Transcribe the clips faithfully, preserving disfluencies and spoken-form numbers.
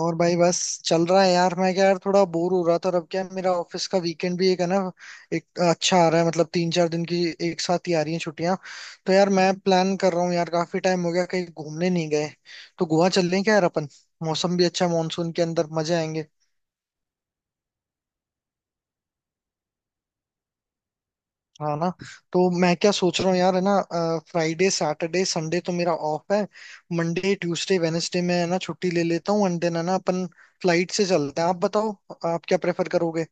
और भाई बस चल रहा है यार। मैं क्या यार थोड़ा बोर हो रहा था और अब क्या है, मेरा ऑफिस का वीकेंड भी एक है ना। एक अच्छा आ रहा है मतलब तीन चार दिन की एक साथ ही आ रही है छुट्टियां। तो यार मैं प्लान कर रहा हूँ यार काफी टाइम हो गया कहीं घूमने नहीं गए। तो गोवा चल रहे हैं क्या यार अपन। मौसम भी अच्छा है मानसून के अंदर मजे आएंगे। हाँ ना। तो मैं क्या सोच रहा हूँ यार है ना। फ्राइडे सैटरडे संडे तो मेरा ऑफ है। मंडे ट्यूसडे वेनेसडे में है ना छुट्टी ले लेता हूँ एंड देन है ना अपन फ्लाइट से चलते हैं। आप बताओ आप क्या प्रेफर करोगे।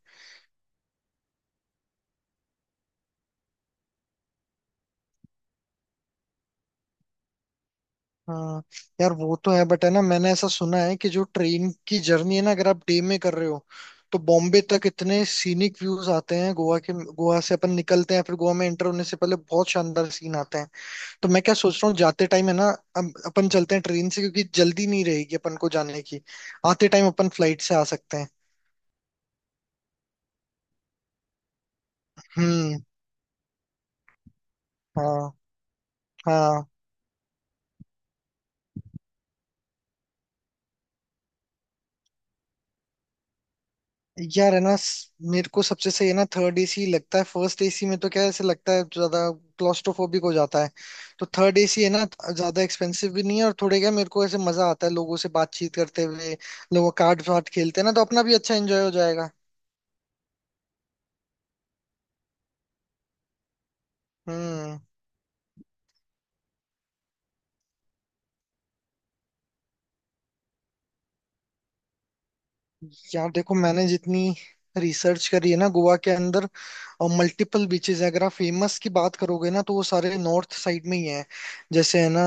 हाँ यार वो तो है बट है ना मैंने ऐसा सुना है कि जो ट्रेन की जर्नी है ना अगर आप डे में कर रहे हो तो बॉम्बे तक इतने सीनिक व्यूज आते हैं गोवा के। गोवा से अपन निकलते हैं फिर गोवा में एंटर होने से पहले बहुत शानदार सीन आते हैं। तो मैं क्या सोच रहा हूँ जाते टाइम है ना अब अपन चलते हैं ट्रेन से क्योंकि जल्दी नहीं रहेगी अपन को जाने की। आते टाइम अपन फ्लाइट से आ सकते हैं। हम्म। हाँ। हाँ। यार है ना स- मेरे को सबसे सही है ना थर्ड एसी लगता है। फर्स्ट एसी में तो क्या है, ऐसे लगता है ज्यादा क्लॉस्ट्रोफोबिक हो जाता है। तो थर्ड एसी है ना ज्यादा एक्सपेंसिव भी नहीं है और थोड़े क्या मेरे को ऐसे मजा आता है लोगों से बातचीत करते हुए। लोग कार्ड वार्ड खेलते हैं ना तो अपना भी अच्छा एंजॉय हो जाएगा। हम्म। यार देखो मैंने जितनी रिसर्च करी है ना गोवा के अंदर और मल्टीपल बीचेस हैं। अगर आप फेमस की बात करोगे ना तो वो सारे नॉर्थ साइड में ही हैं। जैसे है ना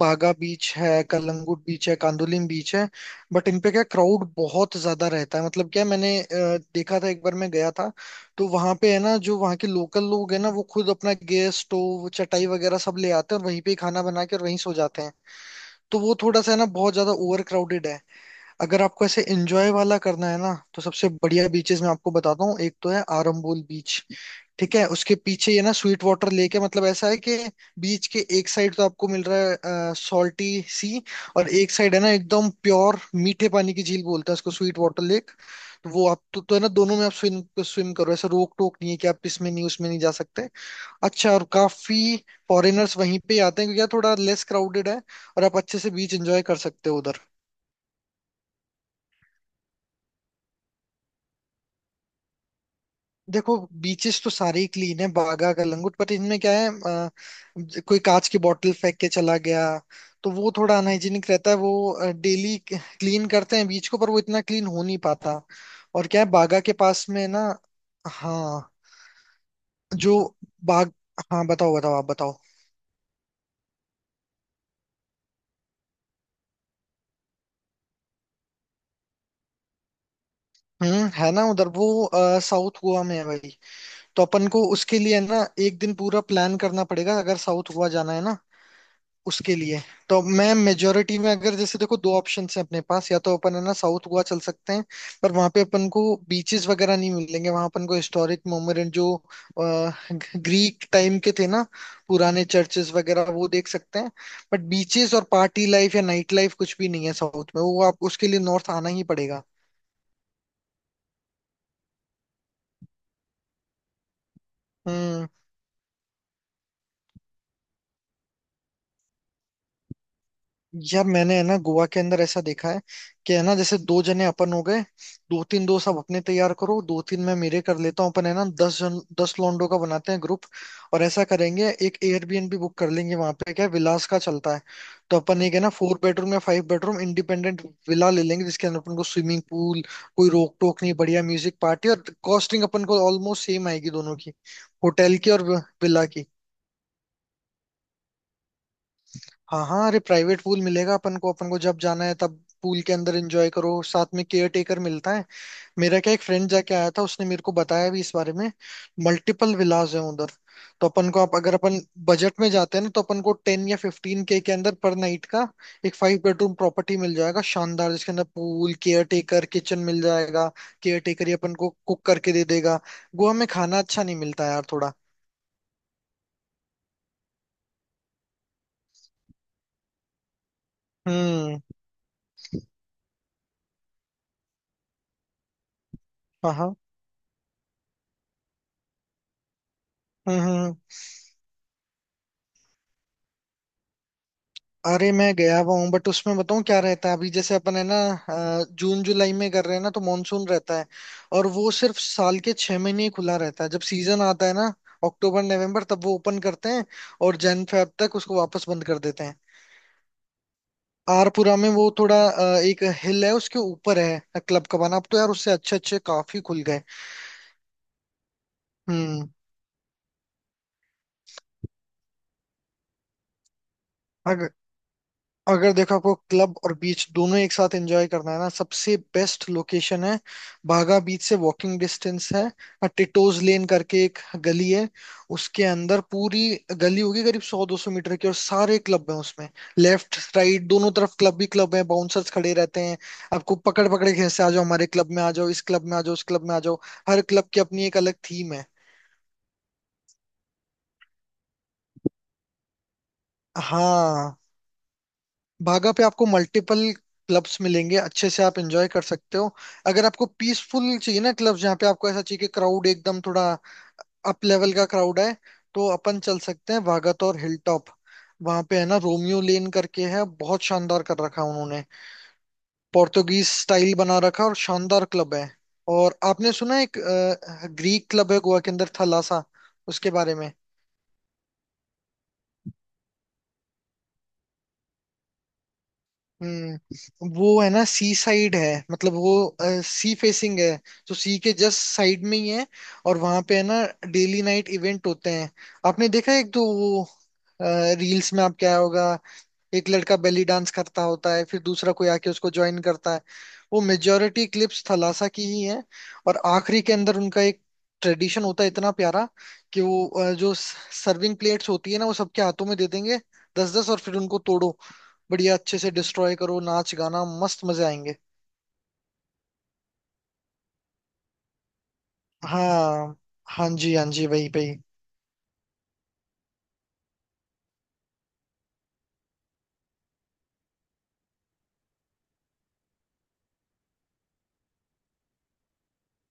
बागा बीच है कलंगुट बीच है कांदोलिम बीच है। बट इन पे क्या क्राउड बहुत ज्यादा रहता है मतलब क्या मैंने अ, देखा था एक बार मैं गया था। तो वहां पे है ना जो वहाँ के लोकल लोग हैं ना वो खुद अपना गैस स्टोव चटाई वगैरह सब ले आते हैं और वहीं पे ही खाना बना के और वहीं सो जाते हैं। तो वो थोड़ा सा है ना बहुत ज्यादा ओवर क्राउडेड है। अगर आपको ऐसे एंजॉय वाला करना है ना तो सबसे बढ़िया बीचेस मैं आपको बताता हूँ। एक तो है आरंबोल बीच। ठीक है उसके पीछे ये ना स्वीट वाटर लेक है। मतलब ऐसा है कि बीच के एक साइड तो आपको मिल रहा है सॉल्टी सी और एक साइड है ना एकदम प्योर मीठे पानी की झील बोलते हैं उसको स्वीट वाटर लेक। तो वो आप तो, तो है ना दोनों में आप स्विम स्विम करो ऐसा रोक टोक नहीं है कि आप इसमें नहीं उसमें नहीं जा सकते। अच्छा और काफी फॉरेनर्स वहीं पे आते हैं क्योंकि यार थोड़ा लेस क्राउडेड है और आप अच्छे से बीच एंजॉय कर सकते हो उधर। देखो बीचेस तो सारे ही क्लीन है बागा कलंगुट पर इनमें क्या है अ, ज- कोई कांच की बोतल फेंक के चला गया। तो वो थोड़ा अनहाइजीनिक रहता है। वो डेली क्लीन करते हैं बीच को पर वो इतना क्लीन हो नहीं पाता। और क्या है बागा के पास में ना हाँ जो बाग। हाँ बताओ बताओ आप बताओ। हम्म है ना उधर वो साउथ गोवा में है भाई। तो अपन को उसके लिए ना एक दिन पूरा प्लान करना पड़ेगा अगर साउथ गोवा जाना है ना उसके लिए। तो मैं मेजोरिटी में अगर जैसे देखो दो ऑप्शन है अपने पास या तो अपन है ना साउथ गोवा चल सकते हैं पर वहां पे अपन को बीचेस वगैरह नहीं मिलेंगे। वहां अपन को हिस्टोरिक मोन्यूमेंट जो ग्रीक टाइम के थे ना पुराने चर्चेस वगैरह वो देख सकते हैं। बट बीचेस और पार्टी लाइफ या नाइट लाइफ कुछ भी नहीं है साउथ में। वो आप उसके लिए नॉर्थ आना ही पड़ेगा। हम्म। यार मैंने है ना गोवा के अंदर ऐसा देखा है कि है ना जैसे दो जने अपन हो गए दो तीन दोस्त आप अपने तैयार करो दो तीन मैं मेरे कर लेता हूँ अपन है ना दस जन दस लोंडो का बनाते हैं ग्रुप। और ऐसा करेंगे एक एयरबीएनबी बुक कर लेंगे। वहां पे क्या है, विलास का चलता है। तो अपन एक है ना फोर बेडरूम या फाइव बेडरूम इंडिपेंडेंट विला ले लेंगे जिसके अंदर अपन को स्विमिंग पूल कोई रोक टोक नहीं बढ़िया म्यूजिक पार्टी और कॉस्टिंग अपन को ऑलमोस्ट सेम आएगी दोनों की। होटल की और विला की। हाँ हाँ अरे प्राइवेट पूल मिलेगा अपन को। अपन को जब जाना है तब पूल के अंदर एंजॉय करो। साथ में केयर टेकर मिलता है। मेरा क्या एक फ्रेंड जाके आया था उसने मेरे को बताया भी इस बारे में। मल्टीपल विलाज हैं उधर। तो अपन को आप अगर अपन बजट में जाते हैं ना तो अपन को टेन या फिफ्टीन के के अंदर पर नाइट का एक फाइव बेडरूम प्रॉपर्टी मिल जाएगा शानदार जिसके अंदर पूल केयर टेकर किचन मिल जाएगा। केयर टेकर ही अपन को कुक करके दे देगा। गोवा में खाना अच्छा नहीं मिलता यार थोड़ा। हम्म। हाँ। हाँ। हम्म। हम्म। हम्म। अरे मैं गया हुआ हूँ बट उसमें बताऊँ क्या रहता है अभी जैसे अपन है ना अ, जून जुलाई में कर रहे हैं ना तो मानसून रहता है। और वो सिर्फ साल के छह महीने ही खुला रहता है जब सीजन आता है ना अक्टूबर नवंबर तब वो ओपन करते हैं। और जन फेब तक उसको वापस बंद कर देते हैं। आरपुरा में वो थोड़ा अ, एक हिल है उसके ऊपर है क्लब का बना। अब तो यार उससे अच्छे अच्छे काफी खुल गए। हम्म। अगर देखो आपको क्लब और बीच दोनों एक साथ एंजॉय करना है ना सबसे बेस्ट लोकेशन है बागा बीच से वॉकिंग डिस्टेंस है। टिटोज लेन करके एक गली है। उसके अंदर पूरी गली होगी करीब सौ दो सौ मीटर की और सारे क्लब हैं उसमें। लेफ्ट राइट दोनों तरफ क्लब ही क्लब है। बाउंसर्स खड़े रहते हैं आपको पकड़ पकड़ के खींचते आ जाओ हमारे क्लब में आ जाओ इस क्लब में आ जाओ उस क्लब में आ जाओ। हर क्लब की अपनी एक अलग थीम है। हाँ। भागा पे आपको मल्टीपल क्लब्स मिलेंगे अच्छे से आप एंजॉय कर सकते हो। अगर आपको पीसफुल चाहिए ना क्लब्स जहाँ पे आपको ऐसा चाहिए कि क्राउड एकदम थोड़ा अप लेवल का क्राउड है तो अपन चल सकते हैं वागातोर हिल टॉप। वहां पे है ना रोमियो लेन करके है। बहुत शानदार कर रखा है उन्होंने। पोर्तुगीज स्टाइल बना रखा है और शानदार क्लब है। और आपने सुना है एक ग्रीक क्लब है गोवा के अंदर थलासा उसके बारे में। हम्म वो है ना सी साइड है मतलब वो सी फेसिंग है। तो सी के जस्ट साइड में ही है। और वहां पे है ना डेली नाइट इवेंट होते हैं। आपने देखा है एक तो वो रील्स में। आप क्या होगा एक लड़का बेली डांस करता होता है फिर दूसरा कोई आके उसको ज्वाइन करता है। वो मेजोरिटी क्लिप्स थलासा की ही है। और आखिरी के अंदर उनका एक ट्रेडिशन होता है इतना प्यारा कि वो अ, जो सर्विंग प्लेट्स होती है ना वो सबके हाथों में दे देंगे। दस दस और फिर उनको तोड़ो। बढ़िया अच्छे से डिस्ट्रॉय करो नाच गाना मस्त मजे आएंगे। हाँ। हाँ जी हाँ जी वही वही।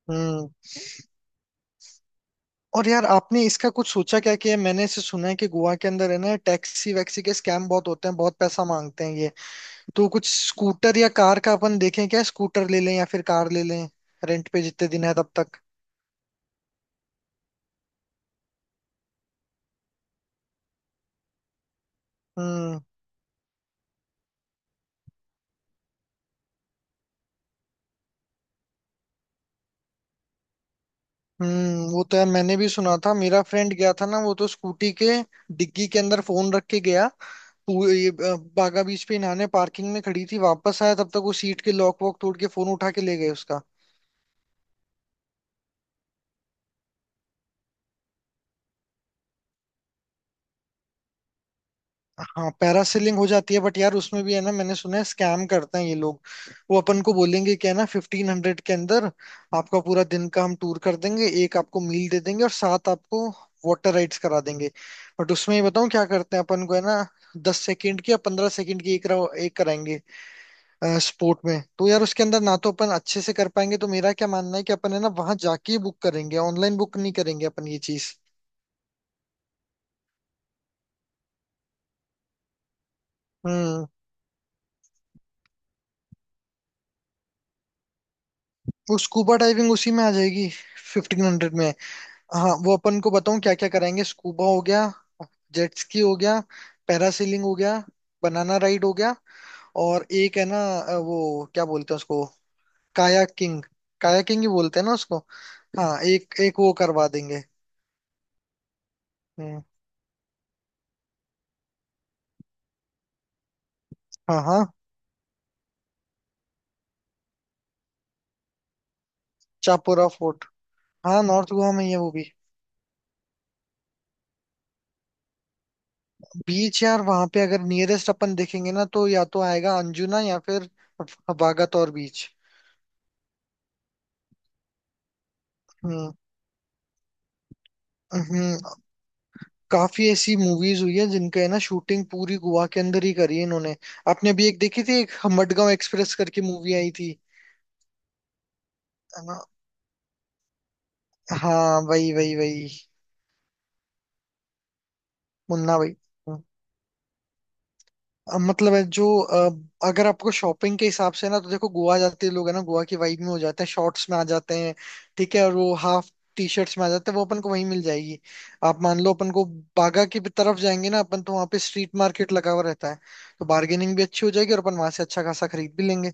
हम्म। और यार आपने इसका कुछ सोचा क्या कि मैंने इसे सुना है कि गोवा के अंदर है ना टैक्सी वैक्सी के स्कैम बहुत होते हैं बहुत पैसा मांगते हैं। तो कुछ स्कूटर या कार का अपन देखें क्या। स्कूटर ले लें या फिर कार ले लें रेंट पे जितने दिन है तब तक। हम्म। हम्म वो तो यार मैंने भी सुना था मेरा फ्रेंड गया था ना वो तो स्कूटी के डिग्गी के अंदर फोन रख के गया। वो ये, अ, बागा बीच पे इन्हाने पार्किंग में खड़ी थी वापस आया तब तक वो सीट के लॉक वॉक तोड़ के फोन उठा के ले गए उसका। हाँ पैरासेलिंग हो जाती है बट यार उसमें भी है ना मैंने सुना है स्कैम करते हैं ये लोग। वो अपन को बोलेंगे क्या है ना फिफ्टीन हंड्रेड के अंदर आपका पूरा दिन का हम टूर कर देंगे। एक आपको मील दे देंगे और साथ आपको वाटर राइड्स करा देंगे। बट उसमें ये बताऊँ क्या करते हैं अपन को है ना दस सेकंड की या पंद्रह सेकंड की एक करा- एक कराएंगे स्पोर्ट में। तो यार उसके अंदर ना तो अपन अच्छे से कर पाएंगे तो मेरा क्या मानना है कि अपन है ना वहां जाके बुक करेंगे ऑनलाइन बुक नहीं करेंगे अपन ये चीज। हम्म। वो स्कूबा डाइविंग उसी में आ जाएगी फिफ्टीन हंड्रेड में। हाँ वो अपन को बताऊं क्या क्या कराएंगे। स्कूबा हो गया जेट स्की हो गया पैरासीलिंग हो गया बनाना राइड हो गया। और एक है ना अ, वो क्या बोलते हैं उसको कायाकिंग। कायाकिंग ही बोलते हैं ना उसको। हाँ एक एक वो करवा देंगे। हम्म। हाँ। हाँ। चापोरा फोर्ट। हाँ नॉर्थ गोवा में ही है वो भी। बीच यार वहां पे अगर नियरेस्ट अपन देखेंगे ना तो या तो आएगा अंजुना या फिर वागातोर बीच। हम्म। हम्म। काफी ऐसी मूवीज हुई है जिनका है ना शूटिंग पूरी गोवा के अंदर ही करी है इन्होंने। आपने अभी एक देखी थी एक मडगांव एक्सप्रेस करके मूवी आई थी है ना? हाँ वही वही वही। मुन्ना भाई। हम्म। अ, मतलब है जो अ, अगर आपको शॉपिंग के हिसाब से ना तो देखो गोवा जाते लोग है ना गोवा की वाइब में हो जाते हैं शॉर्ट्स में आ जाते हैं। ठीक है और वो हाफ टी शर्ट्स में आ जाते हैं वो अपन को वहीं मिल जाएगी। आप मान लो अपन को बागा की भी तरफ जाएंगे ना अपन तो वहाँ पे स्ट्रीट मार्केट लगा हुआ रहता है। तो बार्गेनिंग भी अच्छी हो जाएगी और अपन वहां से अच्छा खासा खरीद भी लेंगे।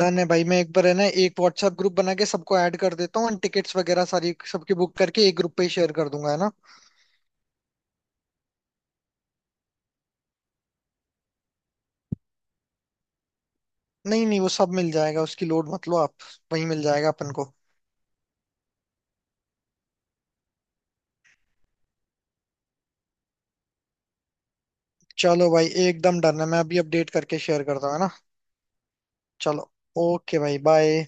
डन है भाई मैं एक बार है ना एक व्हाट्सएप ग्रुप बना के सबको ऐड कर देता हूँ टिकट्स वगैरह सारी सबकी बुक करके एक ग्रुप पे ही शेयर कर दूंगा है ना। नहीं नहीं वो सब मिल जाएगा उसकी लोड मत लो आप। वही मिल जाएगा अपन को। चलो भाई एकदम डन है मैं अभी अपडेट करके शेयर करता हूँ है ना। चलो। ओके भाई बाय।